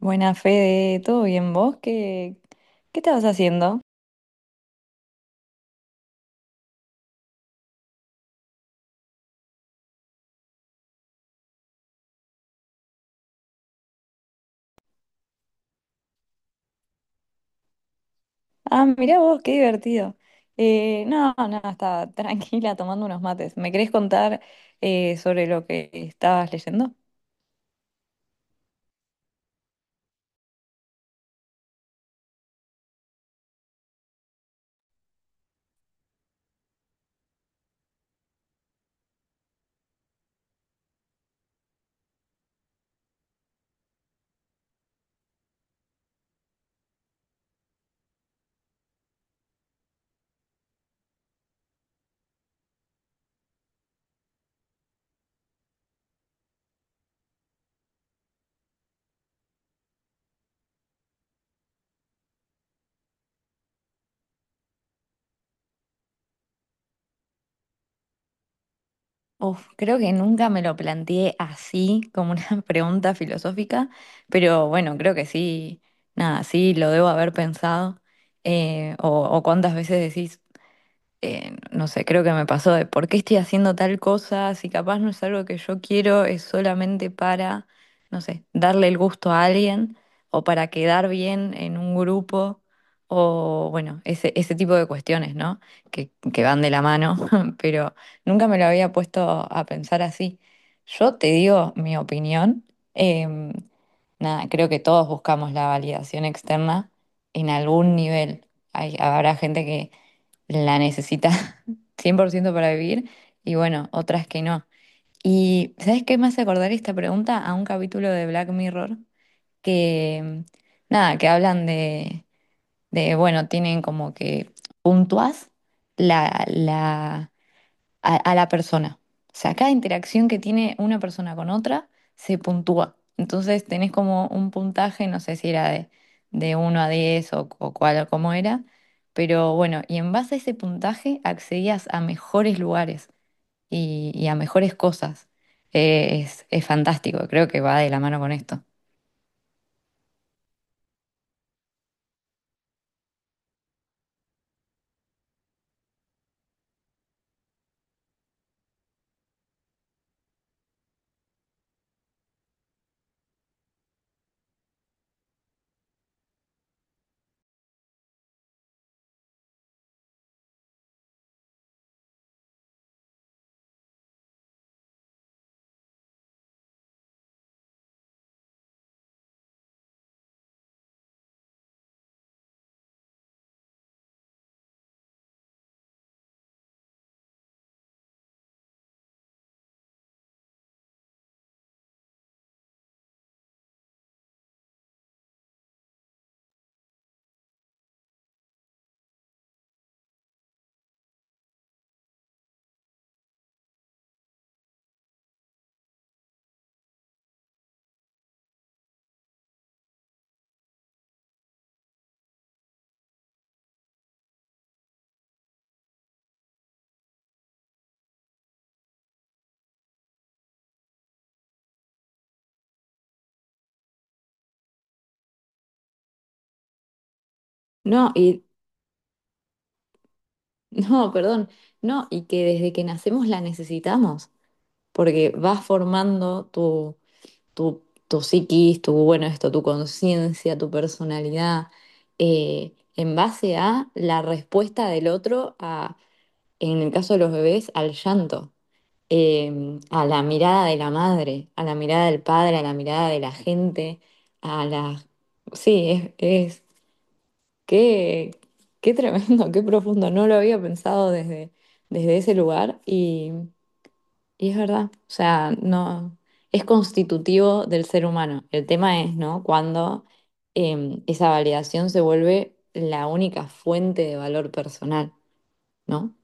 Buena Fede, ¿todo bien vos? ¿¿Qué estabas haciendo? Ah, mirá vos, qué divertido. No, estaba tranquila tomando unos mates. ¿Me querés contar sobre lo que estabas leyendo? Uf, creo que nunca me lo planteé así, como una pregunta filosófica, pero bueno, creo que sí, nada, sí lo debo haber pensado. O cuántas veces decís, no sé, creo que me pasó de por qué estoy haciendo tal cosa, si capaz no es algo que yo quiero, es solamente para, no sé, darle el gusto a alguien o para quedar bien en un grupo o bueno, ese tipo de cuestiones, ¿no? Que van de la mano, pero nunca me lo había puesto a pensar así. Yo te digo mi opinión. em, Nada, creo que todos buscamos la validación externa en algún nivel. Habrá gente que la necesita 100% para vivir y bueno, otras que no. Y ¿sabes qué me hace acordar esta pregunta? A un capítulo de Black Mirror que, nada, que hablan de bueno, tienen como que puntúas la, la a la persona. O sea, cada interacción que tiene una persona con otra se puntúa. Entonces tenés como un puntaje, no sé si era de uno a 10 o cuál o cómo era, pero bueno, y en base a ese puntaje accedías a mejores lugares y a mejores cosas. Es fantástico, creo que va de la mano con esto. No, y no, perdón, no, y que desde que nacemos la necesitamos, porque vas formando tu tu psiquis, tu, bueno, esto, tu conciencia, tu personalidad, en base a la respuesta del otro a, en el caso de los bebés, al llanto, a la mirada de la madre, a la mirada del padre, a la mirada de la gente, a la... Sí, es... Qué, qué tremendo, qué profundo. No lo había pensado desde ese lugar y... Y es verdad, o sea, no es constitutivo del ser humano. El tema es, ¿no? Cuando esa validación se vuelve la única fuente de valor personal, ¿no?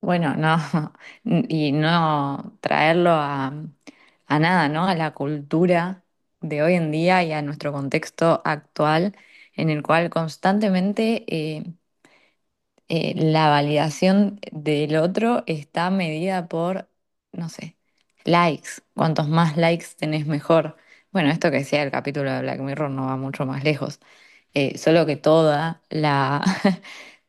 Bueno, no, y no traerlo a nada, ¿no? A la cultura de hoy en día y a nuestro contexto actual, en el cual constantemente la validación del otro está medida por, no sé, likes. Cuantos más likes tenés, mejor. Bueno, esto que decía el capítulo de Black Mirror no va mucho más lejos. Solo que toda la,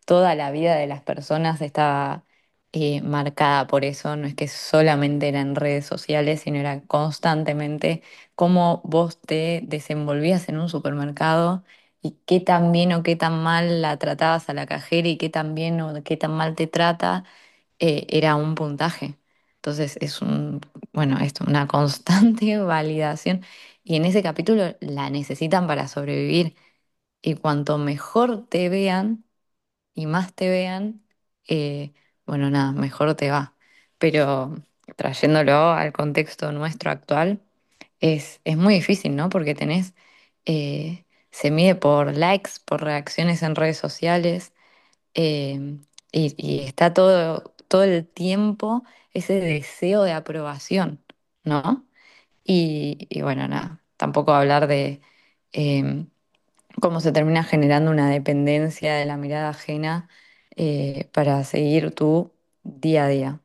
toda la vida de las personas está marcada por eso, no es que solamente era en redes sociales, sino era constantemente cómo vos te desenvolvías en un supermercado y qué tan bien o qué tan mal la tratabas a la cajera y qué tan bien o qué tan mal te trata, era un puntaje. Entonces es un, bueno, esto, una constante validación. Y en ese capítulo la necesitan para sobrevivir. Y cuanto mejor te vean, y más te vean, eh, bueno, nada, mejor te va. Pero trayéndolo al contexto nuestro actual, es muy difícil, ¿no? Porque tenés, eh, se mide por likes, por reacciones en redes sociales, eh, y está todo, todo el tiempo ese deseo de aprobación, ¿no? Y bueno, nada, tampoco hablar de... em, cómo se termina generando una dependencia de la mirada ajena para seguir tu día a día.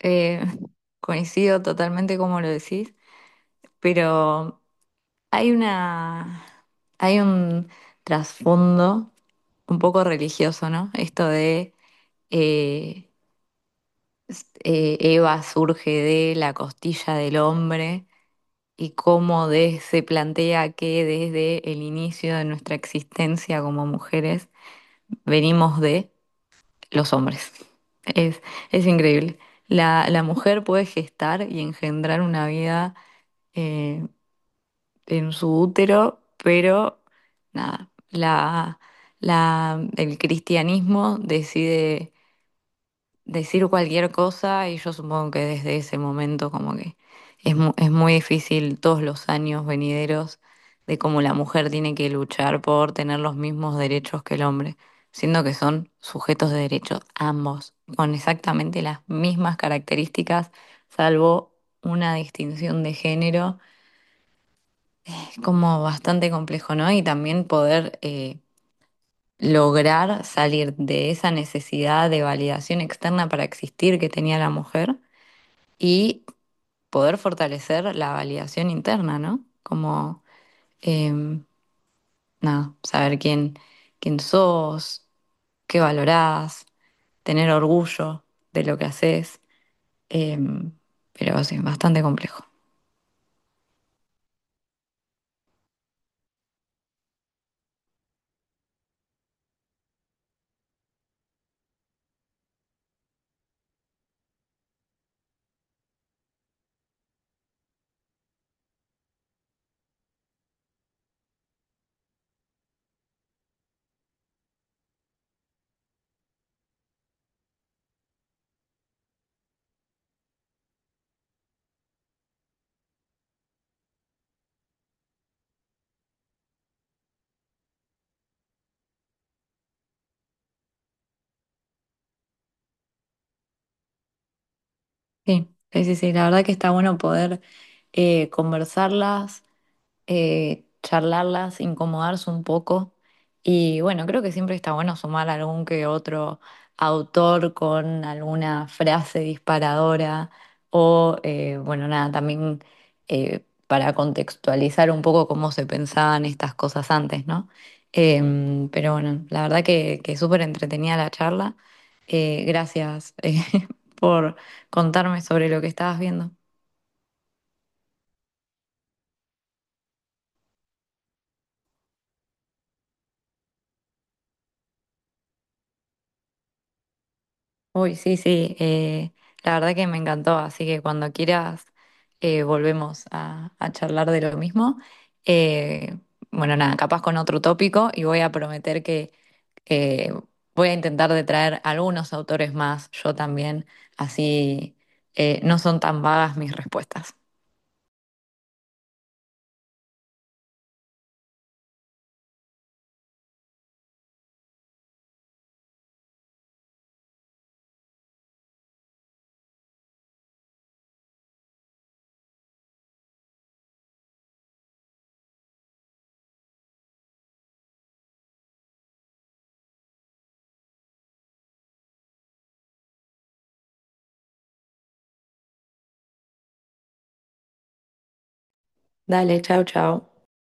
Eh, coincido totalmente como lo decís, pero hay una, hay un trasfondo un poco religioso, ¿no? Esto de eh, Eva surge de la costilla del hombre. Y cómo de- se plantea que desde el inicio de nuestra existencia como mujeres venimos de. Los hombres. Es, es increíble. La mujer puede gestar y engendrar una vida eh, en su útero, pero nada, la, el cristianismo decide decir cualquier cosa y yo supongo que desde ese momento como que es, mu- es muy difícil todos los años venideros de cómo la mujer tiene que luchar por tener los mismos derechos que el hombre, siendo que son sujetos de derechos ambos, con exactamente las mismas características, salvo una distinción de género. Es como bastante complejo, ¿no? Y también poder... lograr salir de esa necesidad de validación externa para existir que tenía la mujer y poder fortalecer la validación interna, ¿no? Como, em, nada, saber quién sos, qué valorás, tener orgullo de lo que haces, em, pero sí, bastante complejo. Sí, sí, sí, sí, la verdad que está bueno poder conversarlas charlarlas, incomodarse un poco. Y bueno, creo que siempre está bueno sumar algún que otro autor con alguna frase disparadora o, bueno, nada, también para contextualizar un poco cómo se pensaban estas cosas antes, ¿no? Em, pero bueno, la verdad que súper entretenida la charla. Gracias por contarme sobre lo que estabas viendo. Uy, sí, sí, la verdad que me encantó, así que cuando quieras volvemos a charlar de lo mismo. Eh, bueno, nada, capaz con otro tópico y voy a prometer que eh, voy a intentar de traer algunos autores más, yo también, así no son tan vagas mis respuestas. Dale, chao, chao.